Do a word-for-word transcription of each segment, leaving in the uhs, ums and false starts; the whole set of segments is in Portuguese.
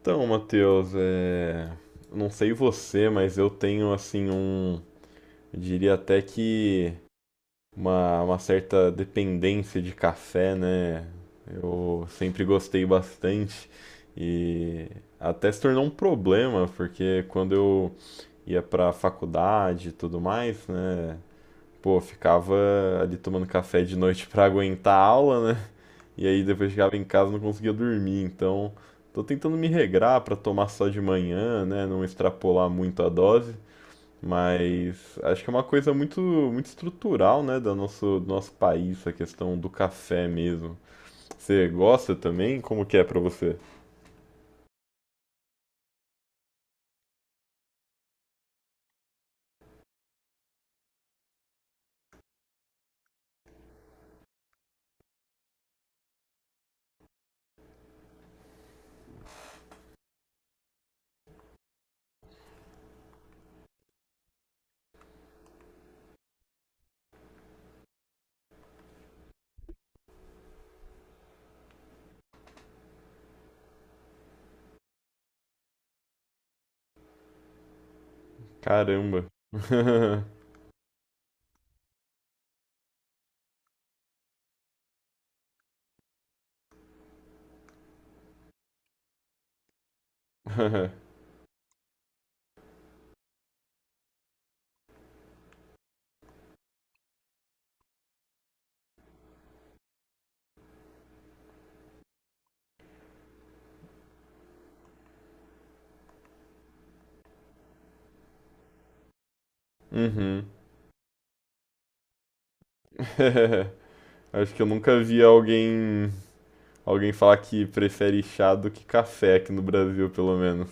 Então, Matheus, é... não sei você, mas eu tenho assim um, eu diria até que uma, uma certa dependência de café, né? Eu sempre gostei bastante e até se tornou um problema, porque quando eu ia pra faculdade e tudo mais, né? Pô, eu ficava ali tomando café de noite pra aguentar a aula, né? E aí depois chegava em casa e não conseguia dormir. Então, tô tentando me regrar para tomar só de manhã, né? Não extrapolar muito a dose. Mas acho que é uma coisa muito, muito estrutural, né, do nosso, do nosso país, a questão do café mesmo. Você gosta também? Como que é pra você? Caramba. Uhum. Acho que eu nunca vi alguém, alguém falar que prefere chá do que café aqui no Brasil, pelo menos.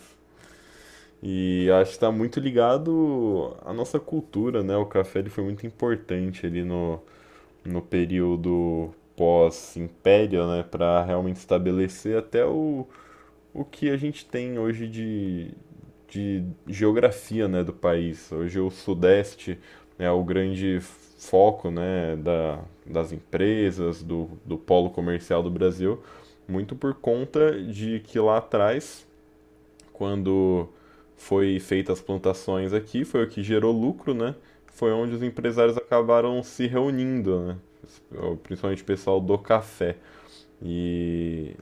E acho que está muito ligado à nossa cultura, né? O café ele foi muito importante ali no, no período pós-império, né? Para realmente estabelecer até o, o que a gente tem hoje de, de geografia, né? Do país. Hoje o Sudeste é o grande foco, né? Da, das empresas, do, do polo comercial do Brasil, muito por conta de que lá atrás quando foi feita as plantações aqui, foi o que gerou lucro, né? Foi onde os empresários acabaram se reunindo, né? Principalmente o pessoal do café. E,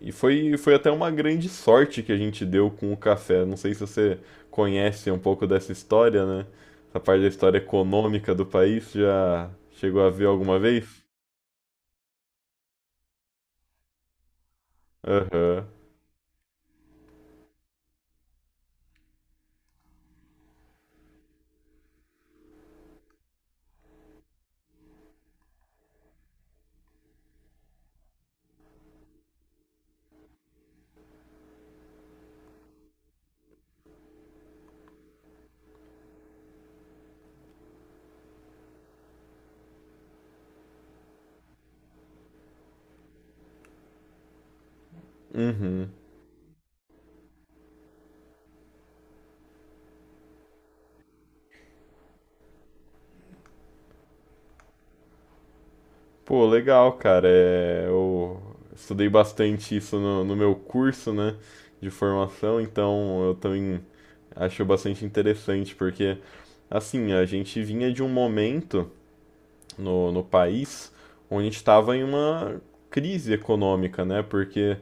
e foi, foi até uma grande sorte que a gente deu com o café. Não sei se você conhece um pouco dessa história, né? Essa parte da história econômica do país já chegou a ver alguma vez? Aham. Pô, legal, cara. É, eu estudei bastante isso no, no meu curso, né, de formação, então eu também acho bastante interessante, porque, assim, a gente vinha de um momento no, no país onde a gente estava em uma crise econômica, né, porque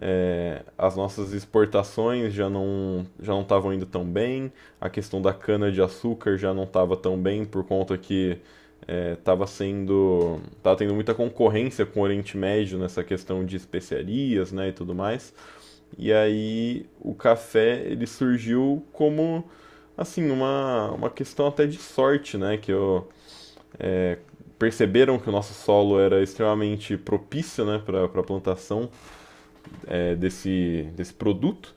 é, as nossas exportações já não já não estavam indo tão bem, a questão da cana-de-açúcar já não estava tão bem por conta que Tava sendo, tava tendo muita concorrência com o Oriente Médio nessa questão de especiarias, né, e tudo mais. E aí o café ele surgiu como assim uma, uma questão até de sorte, né, que eu, perceberam que o nosso solo era extremamente propício, né, para a plantação eh, desse, desse produto.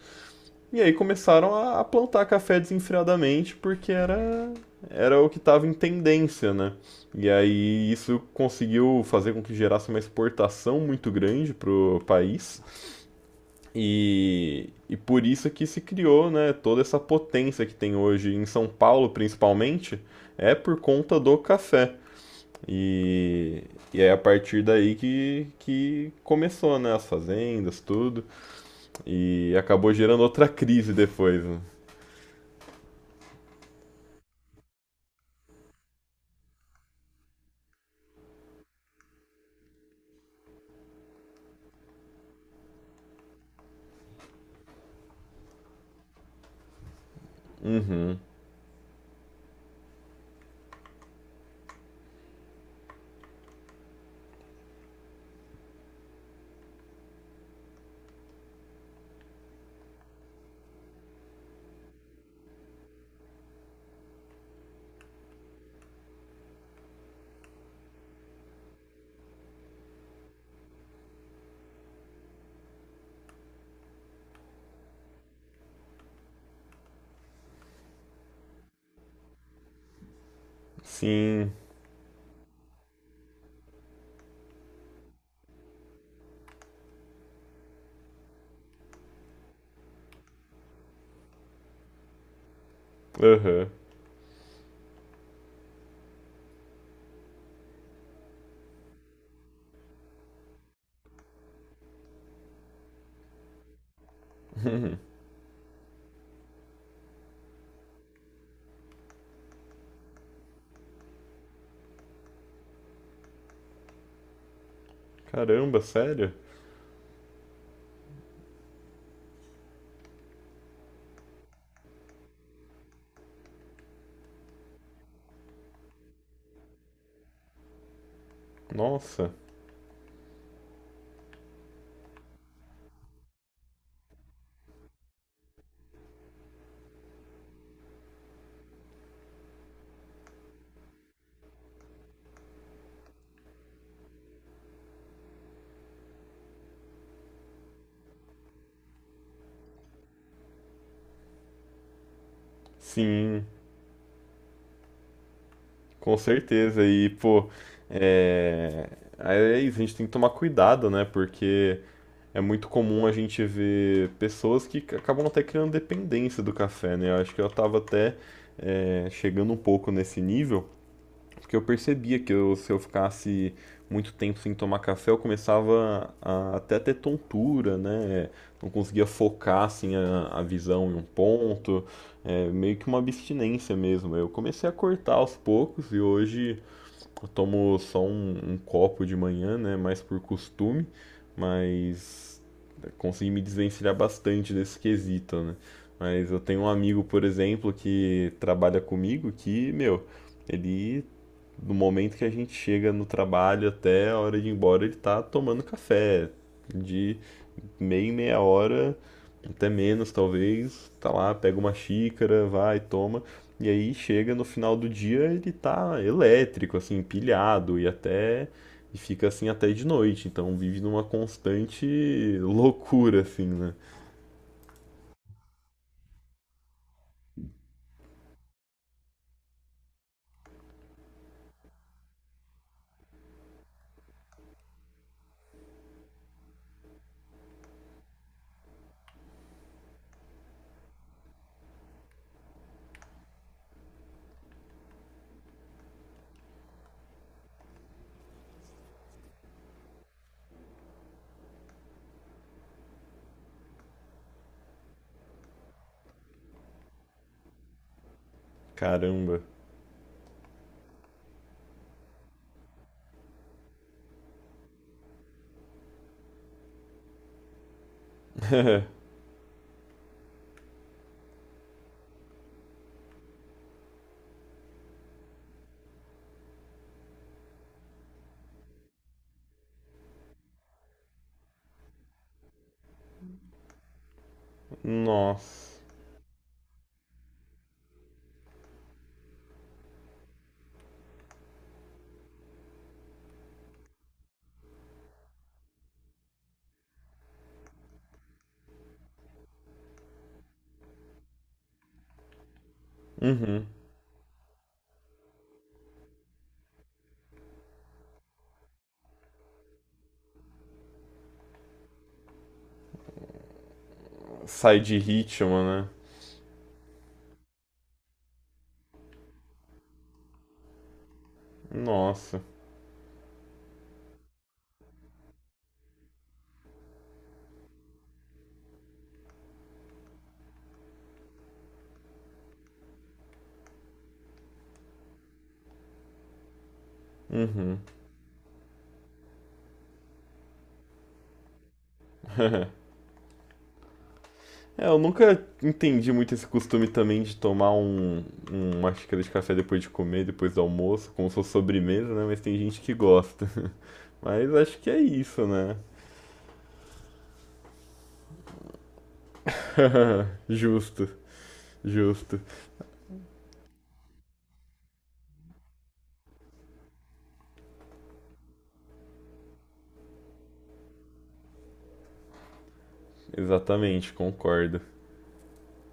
E aí começaram a plantar café desenfreadamente porque era, era o que estava em tendência, né? E aí isso conseguiu fazer com que gerasse uma exportação muito grande para o país e, e por isso que se criou, né, toda essa potência que tem hoje em São Paulo, principalmente, é por conta do café. E, e é a partir daí que, que começou, né, as fazendas, tudo, e acabou gerando outra crise depois, né? Sim, aham. Caramba, sério? Nossa, sim, com certeza. E, pô, é... aí é isso, a gente tem que tomar cuidado, né? Porque é muito comum a gente ver pessoas que c- acabam até criando dependência do café, né? Eu acho que eu tava até é, chegando um pouco nesse nível, porque eu percebia que eu- se eu ficasse muito tempo sem tomar café, eu começava a até ter tontura, né? Não conseguia focar assim a, a visão em um ponto, é, meio que uma abstinência mesmo. Eu comecei a cortar aos poucos e hoje eu tomo só um, um copo de manhã, né? Mais por costume, mas consegui me desvencilhar bastante desse quesito, né? Mas eu tenho um amigo, por exemplo, que trabalha comigo que, meu, ele do momento que a gente chega no trabalho até a hora de ir embora, ele tá tomando café. De meia em meia hora, até menos talvez, tá lá, pega uma xícara, vai, toma. E aí chega no final do dia, ele tá elétrico, assim, pilhado e até. E fica assim até de noite, então vive numa constante loucura, assim, né? Caramba. Nossa. Uhum. Sai de ritmo, né? Nossa. Uhum. É, eu nunca entendi muito esse costume também de tomar um, um, uma xícara de café depois de comer, depois do almoço, como se fosse sobremesa, né? Mas tem gente que gosta. Mas acho que é isso, né? Justo, justo. Exatamente, concordo.